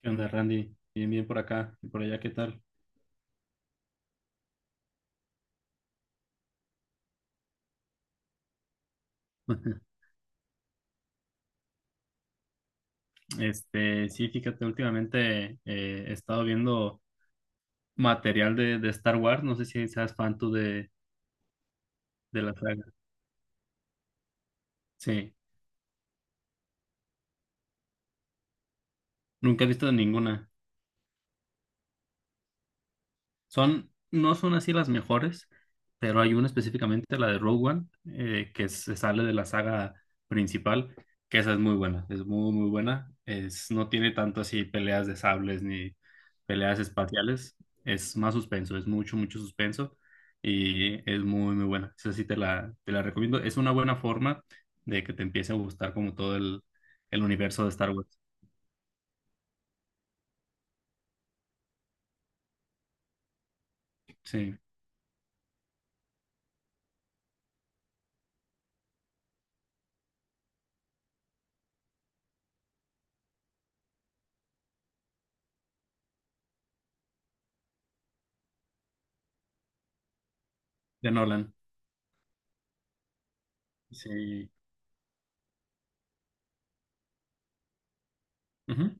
¿Qué onda, Randy? Bien, bien por acá y por allá, ¿qué tal? Sí, fíjate, últimamente he estado viendo material de Star Wars. No sé si seas fan tú de la saga. Sí, nunca he visto ninguna. Son, no son así las mejores, pero hay una específicamente, la de Rogue One, que se sale de la saga principal, que esa es muy buena, es muy, muy buena. Es, no tiene tanto así peleas de sables ni peleas espaciales, es más suspenso, es mucho, mucho suspenso y es muy, muy buena. Esa sí te la recomiendo. Es una buena forma de que te empiece a gustar como todo el universo de Star Wars, sí, de Nolan, sí. Ujú.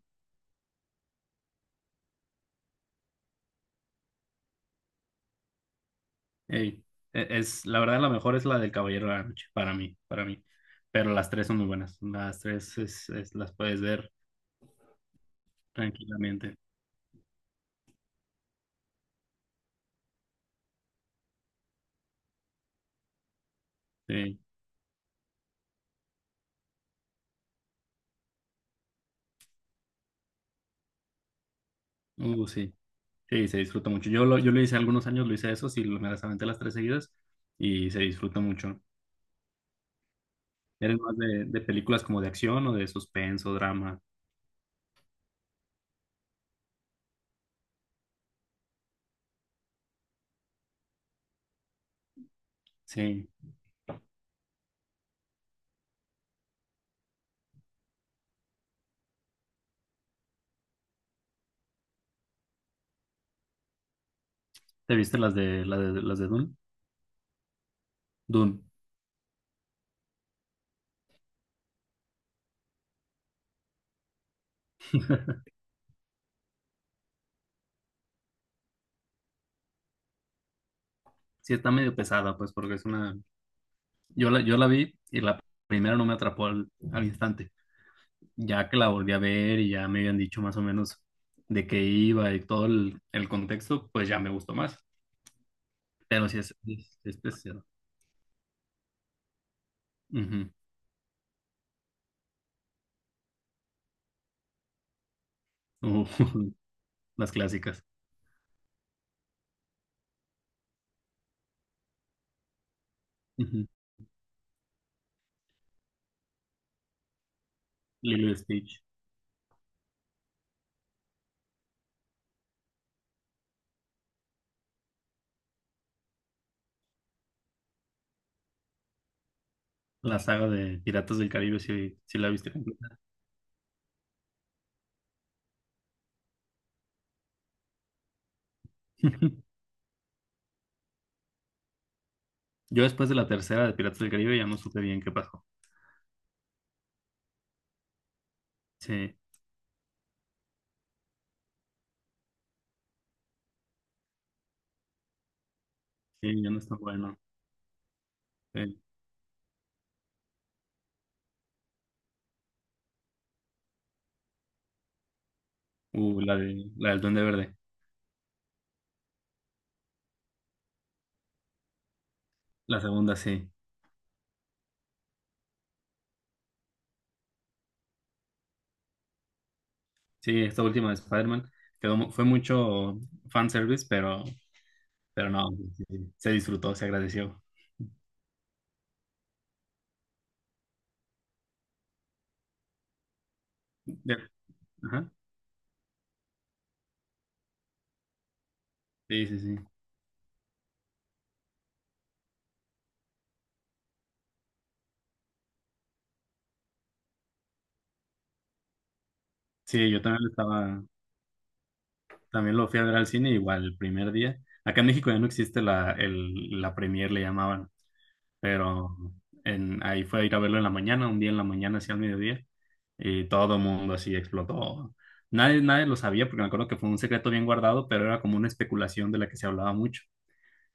Ey, es, la verdad, la mejor es la del Caballero de la Noche, para mí, para mí. Pero las tres son muy buenas. Las tres las puedes ver tranquilamente. Sí. Sí. Sí, se disfruta mucho. Yo lo hice algunos años, lo hice eso, sí, me las aventé las tres seguidas y se disfruta mucho. ¿Eres más de películas como de acción o de suspenso, drama? Sí. ¿Te viste las de Dune? Dune. Sí, está medio pesada, pues, porque es una... yo la vi y la primera no me atrapó al instante. Ya que la volví a ver y ya me habían dicho más o menos de qué iba y todo el contexto, pues ya me gustó más. Pero sí es pesado. Ujú. Ujú. Las clásicas. Ujú. Lilo y Stitch. La saga de Piratas del Caribe, si, si la viste completa. Yo después de la tercera de Piratas del Caribe ya no supe bien qué pasó. Sí, sí, ya no está bueno. Sí. La del Duende Verde. La segunda, sí. Sí, esta última de Spider-Man quedó, fue mucho fanservice, pero no, sí, sí, sí, se disfrutó, se agradeció. De- ajá. Sí, sí, sí. Sí, yo también lo estaba, también lo fui a ver al cine igual el primer día. Acá en México ya no existe la premier, le llamaban, pero en, ahí fue a ir a verlo en la mañana, un día en la mañana hacia el mediodía, y todo el mundo así explotó. Nadie, nadie lo sabía, porque me acuerdo que fue un secreto bien guardado, pero era como una especulación de la que se hablaba mucho.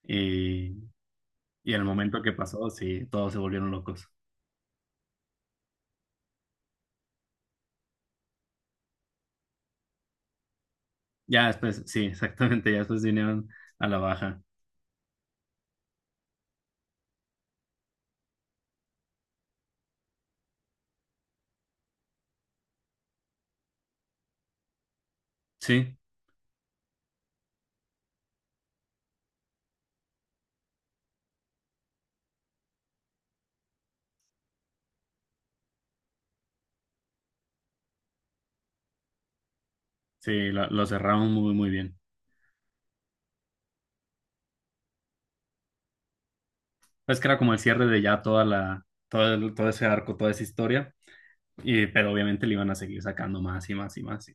Y, y el momento que pasó, sí, todos se volvieron locos. Ya después, sí, exactamente, ya después vinieron a la baja. Sí, sí, lo cerraron muy, muy bien. Pues que era como el cierre de ya toda todo ese arco, toda esa historia, y, pero obviamente le iban a seguir sacando más y más y más. Sí,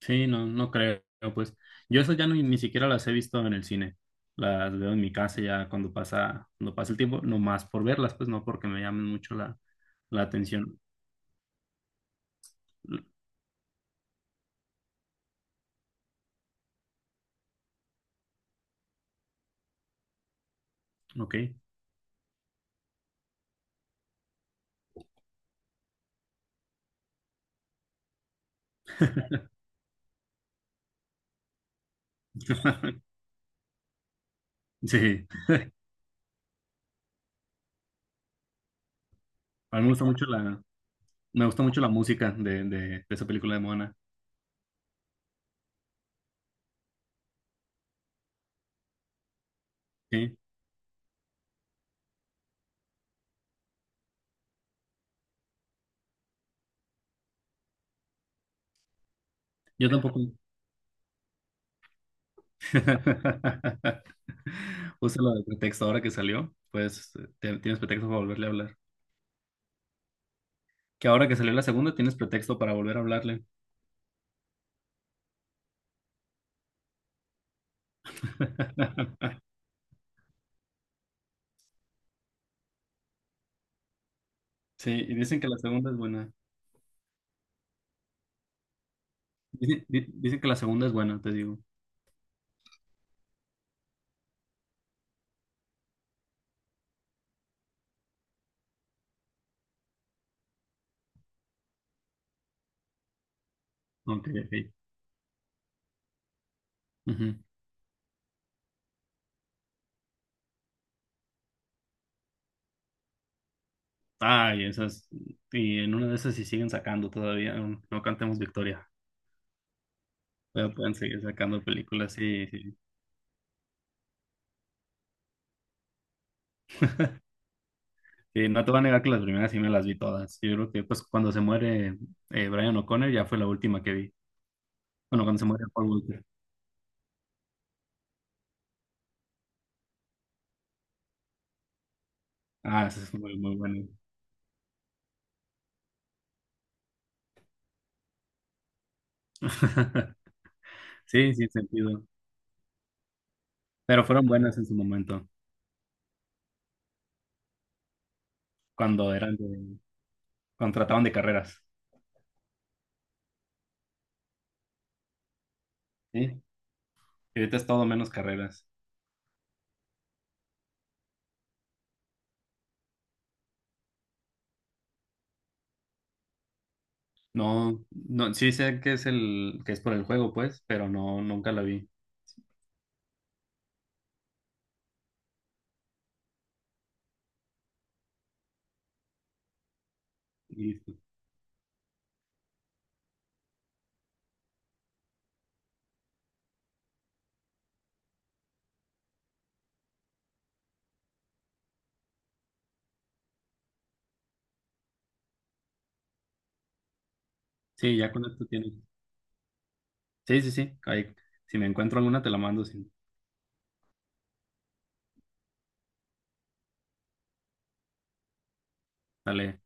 sí, no, no creo, pues. Yo eso ya ni siquiera las he visto en el cine. Las veo en mi casa ya cuando pasa el tiempo, nomás por verlas, pues no porque me llamen mucho la atención. Ok. Sí, a mí me gusta mucho me gusta mucho la música de esa película de Moana. Sí, yo tampoco. Usa la de pretexto ahora que salió, pues tienes pretexto para volverle a hablar. Que ahora que salió la segunda, tienes pretexto para volver a hablarle. Sí, y dicen que la segunda es buena. Dicen, dicen que la segunda es buena, te digo. Ok, ok. Ujú. Ay, esas. Y en una de esas, si siguen sacando todavía, no, no cantemos victoria. Pero pueden seguir sacando películas, sí, sí, no te voy a negar que las primeras sí me las vi todas. Yo creo que pues cuando se muere Brian O'Connor ya fue la última que vi. Bueno, cuando se muere Paul Walker. Ah, esa es muy, muy bueno. Sí, sin sentido. Pero fueron buenas en su momento, cuando eran de, cuando trataban de carreras. Sí. Y ahorita es todo menos carreras. No, no, sí sé que es el, que es por el juego, pues, pero no, nunca la vi. Y sí, ya con esto tiene. Sí, sí, sí. Ahí, si me encuentro alguna, te la mando. Sí. Dale.